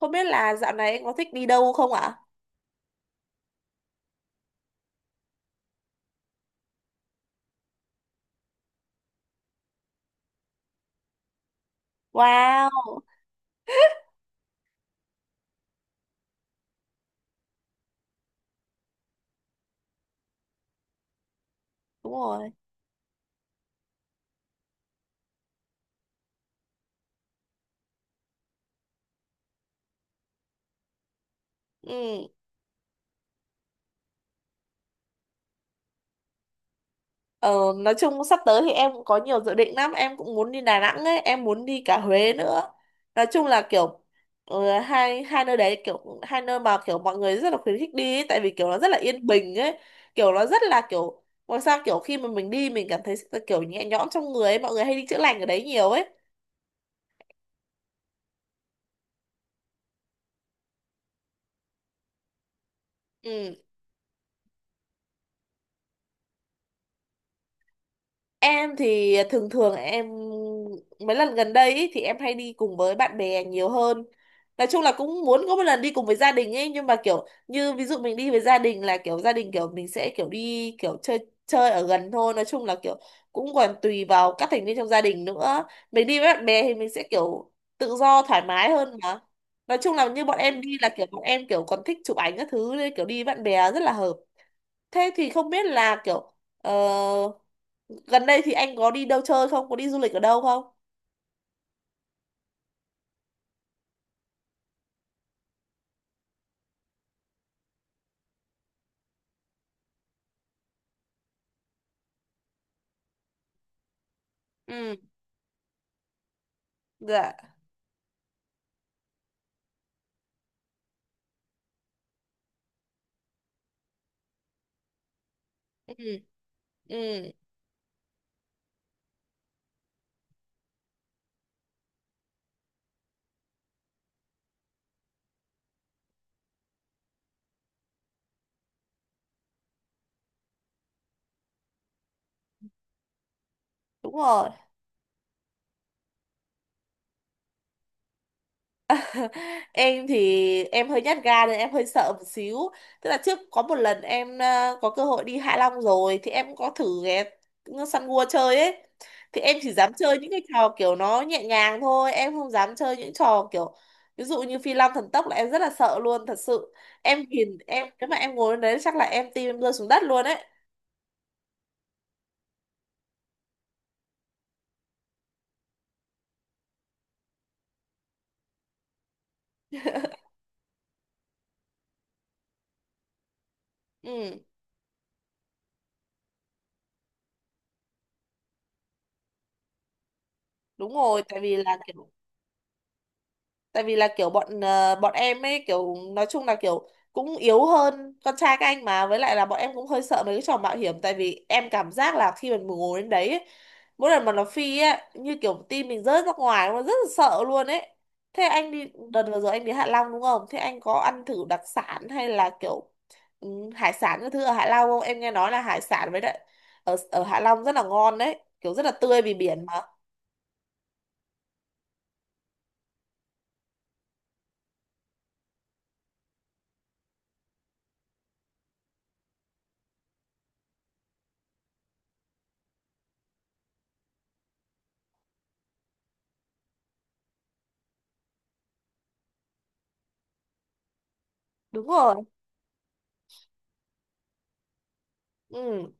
Không biết là dạo này anh có thích đi đâu không ạ? Wow, đúng rồi. Ừ. Ờ, nói chung sắp tới thì em cũng có nhiều dự định lắm. Em cũng muốn đi Đà Nẵng ấy, em muốn đi cả Huế nữa. Nói chung là kiểu hai hai nơi đấy kiểu hai nơi mà kiểu mọi người rất là khuyến khích đi ấy, tại vì kiểu nó rất là yên bình ấy, kiểu nó rất là kiểu ngoài sao kiểu khi mà mình đi mình cảm thấy kiểu nhẹ nhõm trong người ấy, mọi người hay đi chữa lành ở đấy nhiều ấy. Ừ. Em thì thường thường em mấy lần gần đây ý, thì em hay đi cùng với bạn bè nhiều hơn. Nói chung là cũng muốn có một lần đi cùng với gia đình ấy, nhưng mà kiểu như ví dụ mình đi với gia đình là kiểu gia đình kiểu mình sẽ kiểu đi kiểu chơi chơi ở gần thôi. Nói chung là kiểu cũng còn tùy vào các thành viên trong gia đình nữa. Mình đi với bạn bè thì mình sẽ kiểu tự do thoải mái hơn mà. Nói chung là như bọn em đi là kiểu bọn em kiểu còn thích chụp ảnh các thứ nên kiểu đi với bạn bè rất là hợp. Thế thì không biết là kiểu ờ, gần đây thì anh có đi đâu chơi không? Có đi du lịch ở đâu không? Ừ. Dạ. Ừ, ừ, đúng rồi. Em thì em hơi nhát gan nên em hơi sợ một xíu, tức là trước có một lần em có cơ hội đi Hạ Long rồi thì em có thử ghé săn gua chơi ấy, thì em chỉ dám chơi những cái trò kiểu nó nhẹ nhàng thôi, em không dám chơi những trò kiểu ví dụ như phi long thần tốc là em rất là sợ luôn thật sự. Em nhìn em nếu mà em ngồi lên đấy chắc là em tim em rơi xuống đất luôn ấy. Ừ, đúng rồi. Tại vì là kiểu tại vì là kiểu bọn em ấy kiểu nói chung là kiểu cũng yếu hơn con trai các anh mà, với lại là bọn em cũng hơi sợ mấy cái trò mạo hiểm, tại vì em cảm giác là khi mình ngồi đến đấy ấy, mỗi lần mà nó phi ấy như kiểu tim mình rớt ra ngoài, nó rất là sợ luôn ấy. Thế anh đi đợt vừa rồi anh đi Hạ Long đúng không, thế anh có ăn thử đặc sản hay là kiểu ừ, hải sản các thứ ở Hạ Long không? Em nghe nói là hải sản với lại ở ở Hạ Long rất là ngon đấy, kiểu rất là tươi vì biển mà. Đúng rồi. Ừ.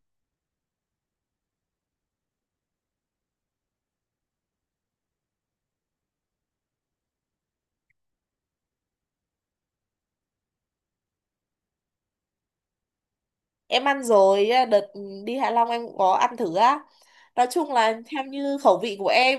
Em ăn rồi á, đợt đi Hạ Long em cũng có ăn thử á. Nói chung là theo như khẩu vị của em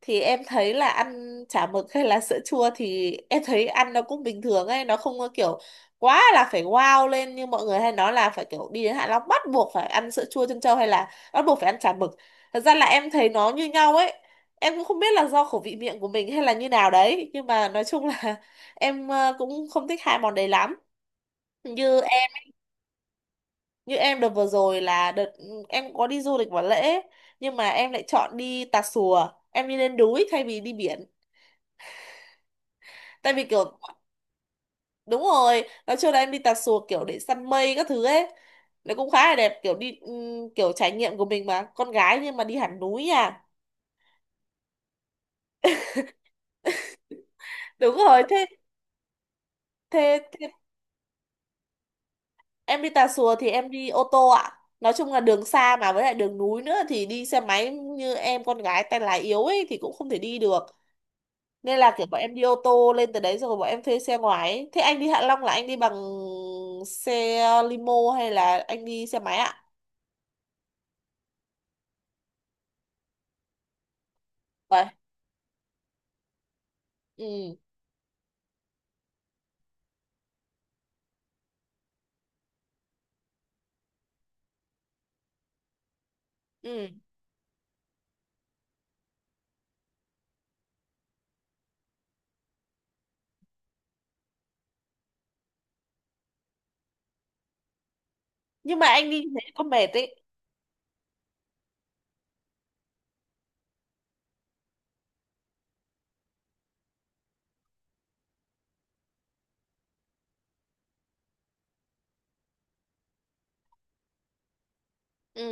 thì em thấy là ăn chả mực hay là sữa chua thì em thấy ăn nó cũng bình thường ấy, nó không có kiểu quá là phải wow lên như mọi người hay nói là phải kiểu đi đến Hạ Long bắt buộc phải ăn sữa chua trân châu hay là bắt buộc phải ăn chả mực. Thật ra là em thấy nó như nhau ấy. Em cũng không biết là do khẩu vị miệng của mình hay là như nào đấy, nhưng mà nói chung là em cũng không thích hai món đấy lắm. Như Như em đợt vừa rồi là đợt em có đi du lịch vào lễ, nhưng mà em lại chọn đi Tà Xùa, em đi lên núi thay vì đi biển. Tại vì kiểu đúng rồi nói chung là em đi Tà Xùa kiểu để săn mây các thứ ấy, nó cũng khá là đẹp kiểu đi kiểu trải nghiệm của mình mà con gái nhưng mà đi hẳn núi à. Đúng rồi. Thế thế em đi Tà Xùa thì em đi ô tô ạ. Nói chung là đường xa mà với lại đường núi nữa thì đi xe máy như em con gái tay lái yếu ấy thì cũng không thể đi được. Nên là kiểu bọn em đi ô tô lên từ đấy rồi bọn em thuê xe ngoài ấy. Thế anh đi Hạ Long là anh đi bằng xe limo hay là anh đi xe máy ạ? Vậy. Ừ. Ừ. Nhưng mà anh đi thế có mệt ấy. Ừ.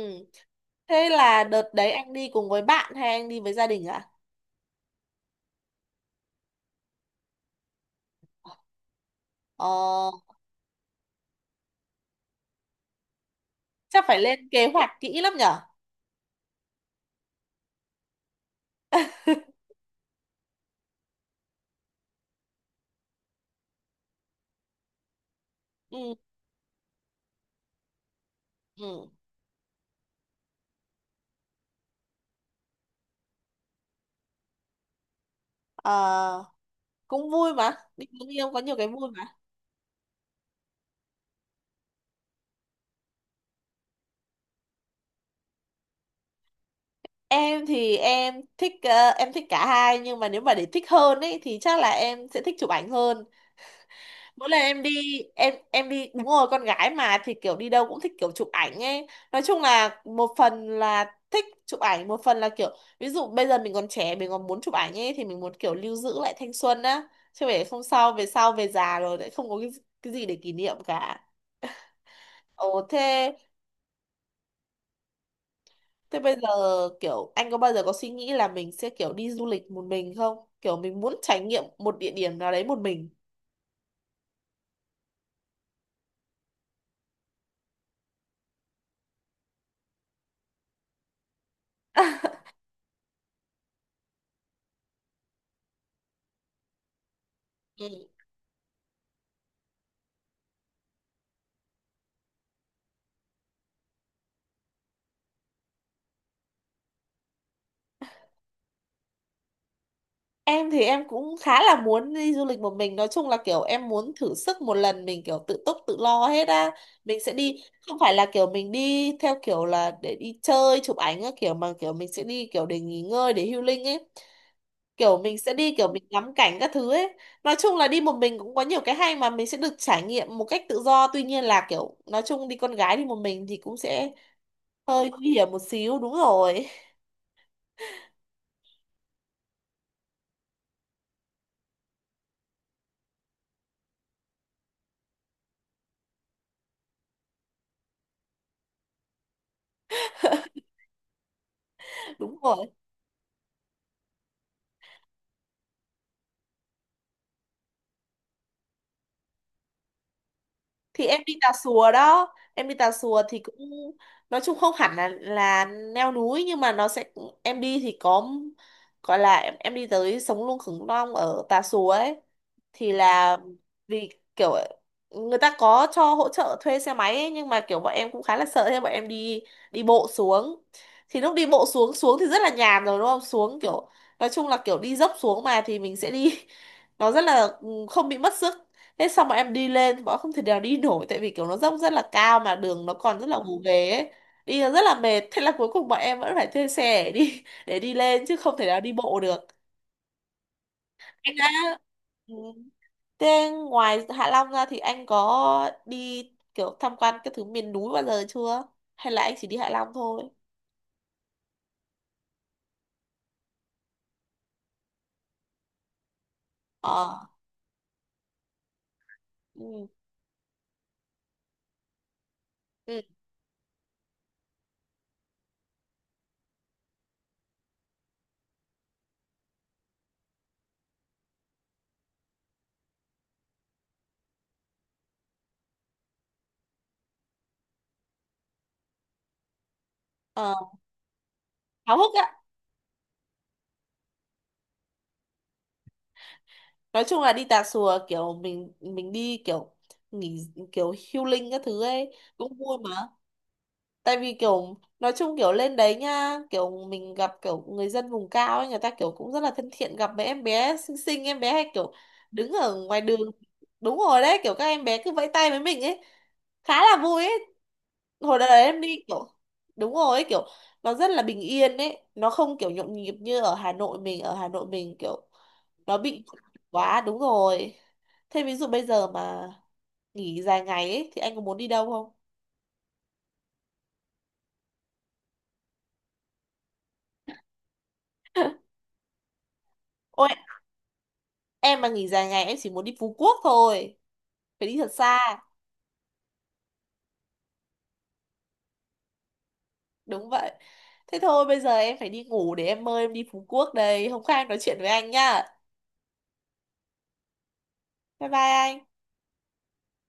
Thế là đợt đấy anh đi cùng với bạn hay anh đi với gia đình ạ? Ờ. Chắc phải lên kế hoạch kỹ lắm nhở. Ừ. Ừ. Ờ, cũng vui mà, đi với người yêu có nhiều cái vui mà. Em thì em thích em thích cả hai, nhưng mà nếu mà để thích hơn ấy thì chắc là em sẽ thích chụp ảnh hơn. Mỗi lần em đi em đi, đúng rồi, con gái mà thì kiểu đi đâu cũng thích kiểu chụp ảnh ấy. Nói chung là một phần là thích chụp ảnh, một phần là kiểu ví dụ bây giờ mình còn trẻ mình còn muốn chụp ảnh ấy thì mình muốn kiểu lưu giữ lại thanh xuân á, chứ để không sao về sau về già rồi lại không có cái gì để kỷ niệm cả. Ồ thế thế bây giờ kiểu anh có bao giờ có suy nghĩ là mình sẽ kiểu đi du lịch một mình không, kiểu mình muốn trải nghiệm một địa điểm nào đấy một mình? Ừ. Em thì em cũng khá là muốn đi du lịch một mình, nói chung là kiểu em muốn thử sức một lần mình kiểu tự túc tự lo hết á. Mình sẽ đi không phải là kiểu mình đi theo kiểu là để đi chơi chụp ảnh á, kiểu mà kiểu mình sẽ đi kiểu để nghỉ ngơi để healing ấy, kiểu mình sẽ đi kiểu mình ngắm cảnh các thứ ấy. Nói chung là đi một mình cũng có nhiều cái hay mà, mình sẽ được trải nghiệm một cách tự do, tuy nhiên là kiểu nói chung đi con gái đi một mình thì cũng sẽ hơi nguy hiểm một xíu, đúng rồi. Đúng rồi thì em đi Tà Xùa đó, em đi Tà Xùa thì cũng nói chung không hẳn là leo núi nhưng mà nó sẽ em đi thì có gọi là em đi tới sống lưng khủng long ở Tà Xùa ấy, thì là vì kiểu người ta có cho hỗ trợ thuê xe máy ấy, nhưng mà kiểu bọn em cũng khá là sợ, thế bọn em đi đi bộ xuống. Thì lúc đi bộ xuống xuống thì rất là nhàn rồi đúng không, xuống kiểu nói chung là kiểu đi dốc xuống mà thì mình sẽ đi nó rất là không bị mất sức. Thế xong bọn em đi lên thì bọn em không thể nào đi nổi, tại vì kiểu nó dốc rất là cao mà đường nó còn rất là gồ ghề ấy, đi nó rất là mệt, thế là cuối cùng bọn em vẫn phải thuê xe để đi để đi lên chứ không thể nào đi bộ được. Anh đã ừ. Thế ngoài Hạ Long ra thì anh có đi kiểu tham quan các thứ miền núi bao giờ chưa? Hay là anh chỉ đi Hạ Long thôi? Ờ. Ừ. Ừ. Ờ. Háo hức á. Nói chung là đi Tà Xùa kiểu mình đi kiểu nghỉ kiểu healing các thứ ấy cũng vui mà. Tại vì kiểu nói chung kiểu lên đấy nha kiểu mình gặp kiểu người dân vùng cao ấy, người ta kiểu cũng rất là thân thiện, gặp mấy em bé xinh xinh, em bé hay kiểu đứng ở ngoài đường. Đúng rồi đấy, kiểu các em bé cứ vẫy tay với mình ấy, khá là vui ấy. Hồi đấy em đi kiểu đúng rồi ấy, kiểu nó rất là bình yên ấy, nó không kiểu nhộn nhịp như ở Hà Nội. Mình ở Hà Nội mình kiểu nó bị quá, đúng rồi. Thế ví dụ bây giờ mà nghỉ dài ngày ấy thì anh có muốn đi đâu không? Ôi em mà nghỉ dài ngày em chỉ muốn đi Phú Quốc thôi, phải đi thật xa. Đúng vậy. Thế thôi bây giờ em phải đi ngủ để em mơ em đi Phú Quốc đây, hôm khác em nói chuyện với anh nhá. Bye bye anh.